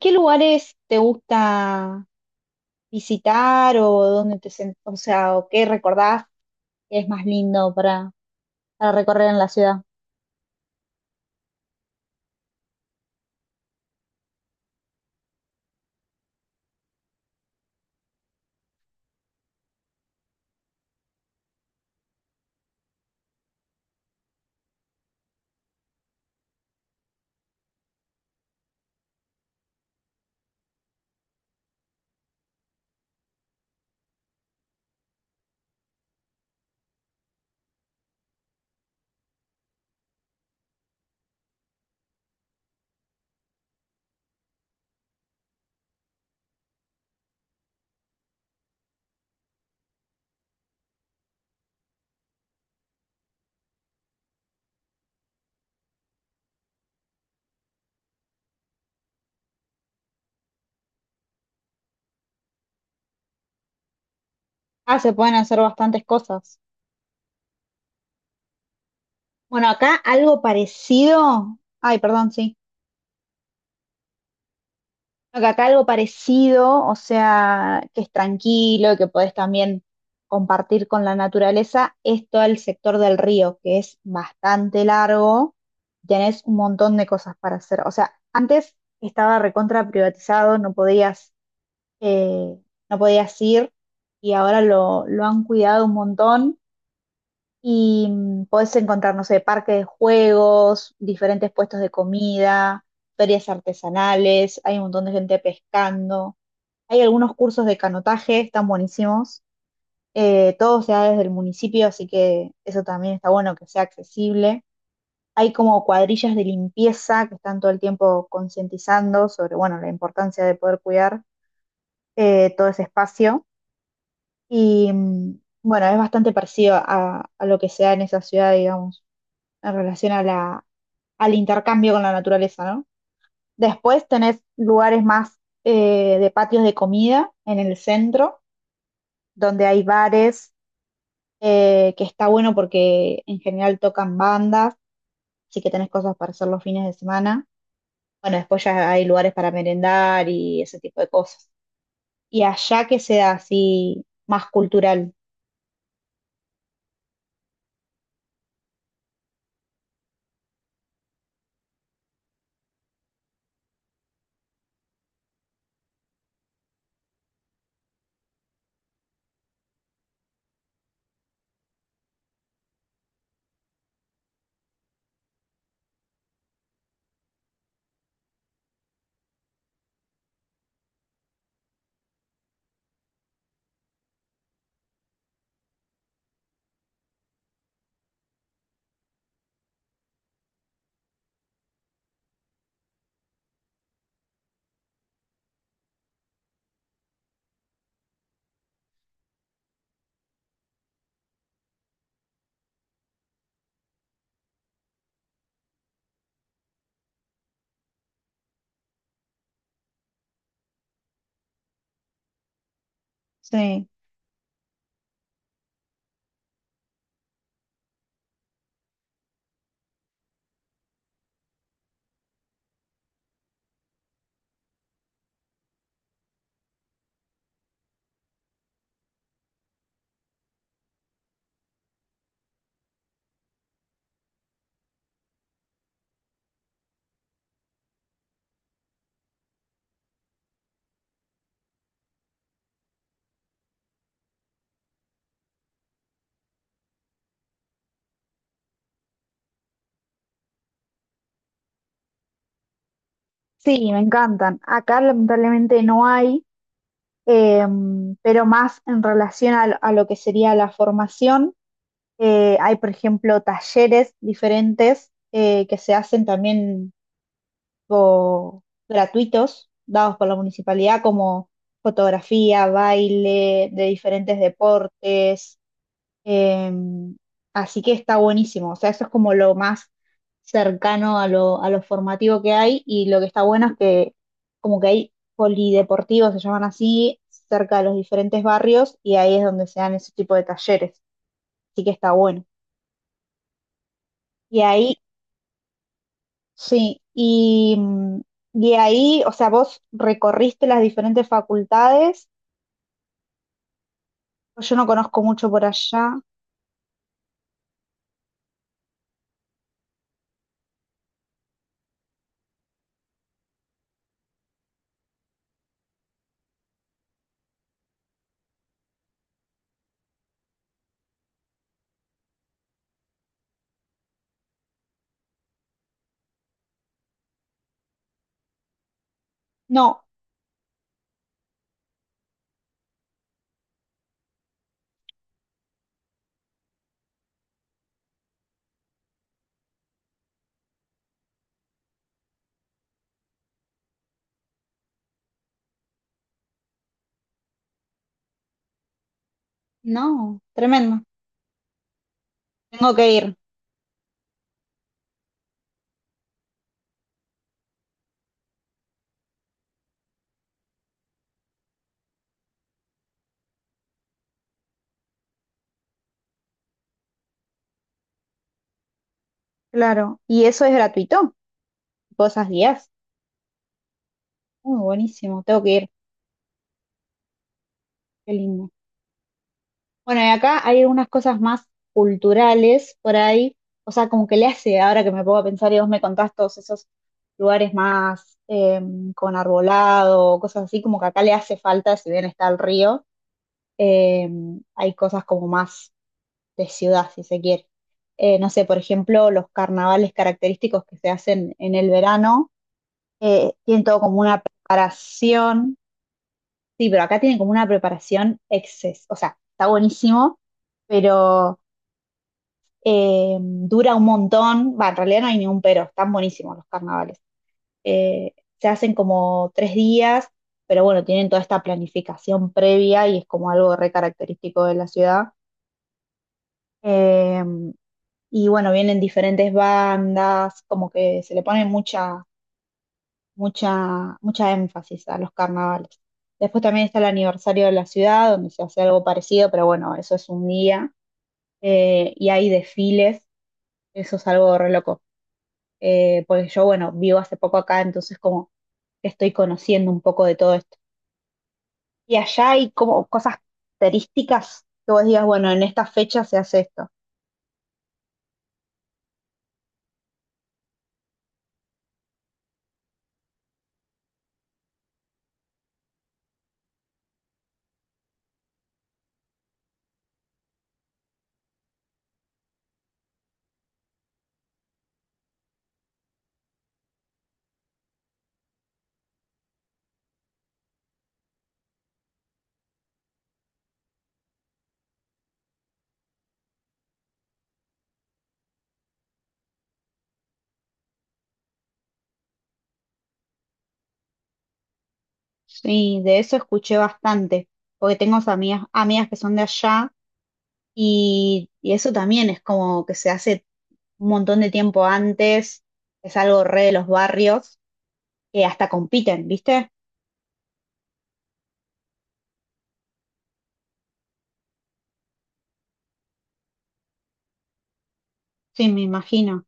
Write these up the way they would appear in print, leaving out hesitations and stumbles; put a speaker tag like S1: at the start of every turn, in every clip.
S1: ¿Qué lugares te gusta visitar o dónde te o sea, o qué recordás que es más lindo para recorrer en la ciudad? Ah, se pueden hacer bastantes cosas. Bueno, acá algo parecido. Ay, perdón, sí. Bueno, que acá algo parecido, o sea, que es tranquilo, que podés también compartir con la naturaleza, es todo el sector del río, que es bastante largo, tenés un montón de cosas para hacer. O sea, antes estaba recontra privatizado, no podías, eh, no podías ir, y ahora lo han cuidado un montón, y podés encontrar, no sé, parques de juegos, diferentes puestos de comida, ferias artesanales, hay un montón de gente pescando. Hay algunos cursos de canotaje, están buenísimos. Todo se da desde el municipio, así que eso también está bueno que sea accesible. Hay como cuadrillas de limpieza que están todo el tiempo concientizando sobre, bueno, la importancia de poder cuidar todo ese espacio. Y bueno, es bastante parecido a lo que se da en esa ciudad, digamos, en relación a al intercambio con la naturaleza, ¿no? Después tenés lugares más de patios de comida en el centro, donde hay bares que está bueno porque en general tocan bandas, así que tenés cosas para hacer los fines de semana. Bueno, después ya hay lugares para merendar y ese tipo de cosas. Y allá que sea así más cultural. Sí, sí, me encantan. Acá lamentablemente no hay, eh, pero más en relación a lo a lo que sería la formación. Hay, por ejemplo, talleres diferentes que se hacen también o gratuitos dados por la municipalidad, como fotografía, baile, de diferentes deportes. eh, Así que está buenísimo. O sea, eso es como lo más cercano a a lo formativo que hay. Y lo que está bueno es que como que hay polideportivos, se llaman así, cerca de los diferentes barrios, y ahí es donde se dan ese tipo de talleres. Así que está bueno. Y ahí sí, y, y ahí, o sea, vos recorriste las diferentes facultades. Pues yo no conozco mucho por allá. No, no, tremendo. Tengo que ir, claro. Y eso es gratuito, cosas días. Muy buenísimo, tengo que ir, qué lindo. Bueno, y acá hay algunas cosas más culturales por ahí, o sea, como que le hace, ahora que me puedo pensar y vos me contás todos esos lugares más con arbolado, cosas así, como que acá le hace falta, si bien está el río eh, hay cosas como más de ciudad, si se quiere. No sé, por ejemplo, los carnavales característicos que se hacen en el verano, tienen todo como una preparación, sí, pero acá tienen como una preparación o sea, está buenísimo, pero dura un montón, va, en realidad no hay ningún pero, están buenísimos los carnavales. Eh, Se hacen como 3 días, pero bueno, tienen toda esta planificación previa y es como algo re característico de la ciudad. Eh, Y bueno, vienen diferentes bandas, como que se le pone mucha, mucha, mucha énfasis a los carnavales. Después también está el aniversario de la ciudad, donde se hace algo parecido, pero bueno, eso es un día. Y hay desfiles, eso es algo re loco. Porque yo, bueno, vivo hace poco acá, entonces como que estoy conociendo un poco de todo esto. Y allá hay como cosas características que vos digas, bueno, en esta fecha se hace esto. Sí, de eso escuché bastante, porque tengo amigas, amigas que son de allá y eso también es como que se hace un montón de tiempo antes, es algo re de los barrios, que hasta compiten, ¿viste? Sí, me imagino.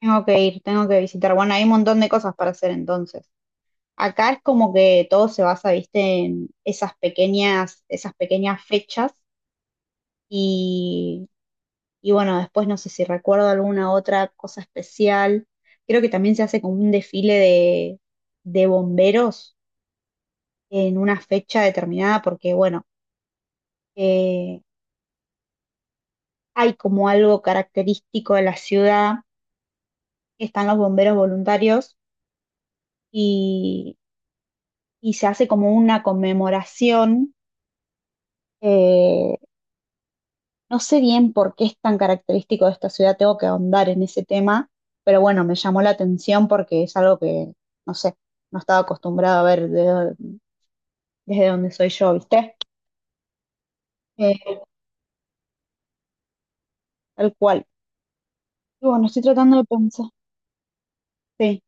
S1: Tengo que ir, tengo que visitar. Bueno, hay un montón de cosas para hacer entonces. Acá es como que todo se basa, ¿viste? En esas pequeñas fechas. Y bueno, después no sé si recuerdo alguna otra cosa especial. Creo que también se hace como un desfile de bomberos en una fecha determinada, porque bueno, eh, hay como algo característico de la ciudad, están los bomberos voluntarios y, y se hace como una conmemoración. eh, No sé bien por qué es tan característico de esta ciudad, tengo que ahondar en ese tema, pero bueno, me llamó la atención porque es algo que, no sé, no estaba acostumbrado a ver de desde donde soy yo, ¿viste? Eh, tal cual. Y bueno, estoy tratando de pensar. Sí.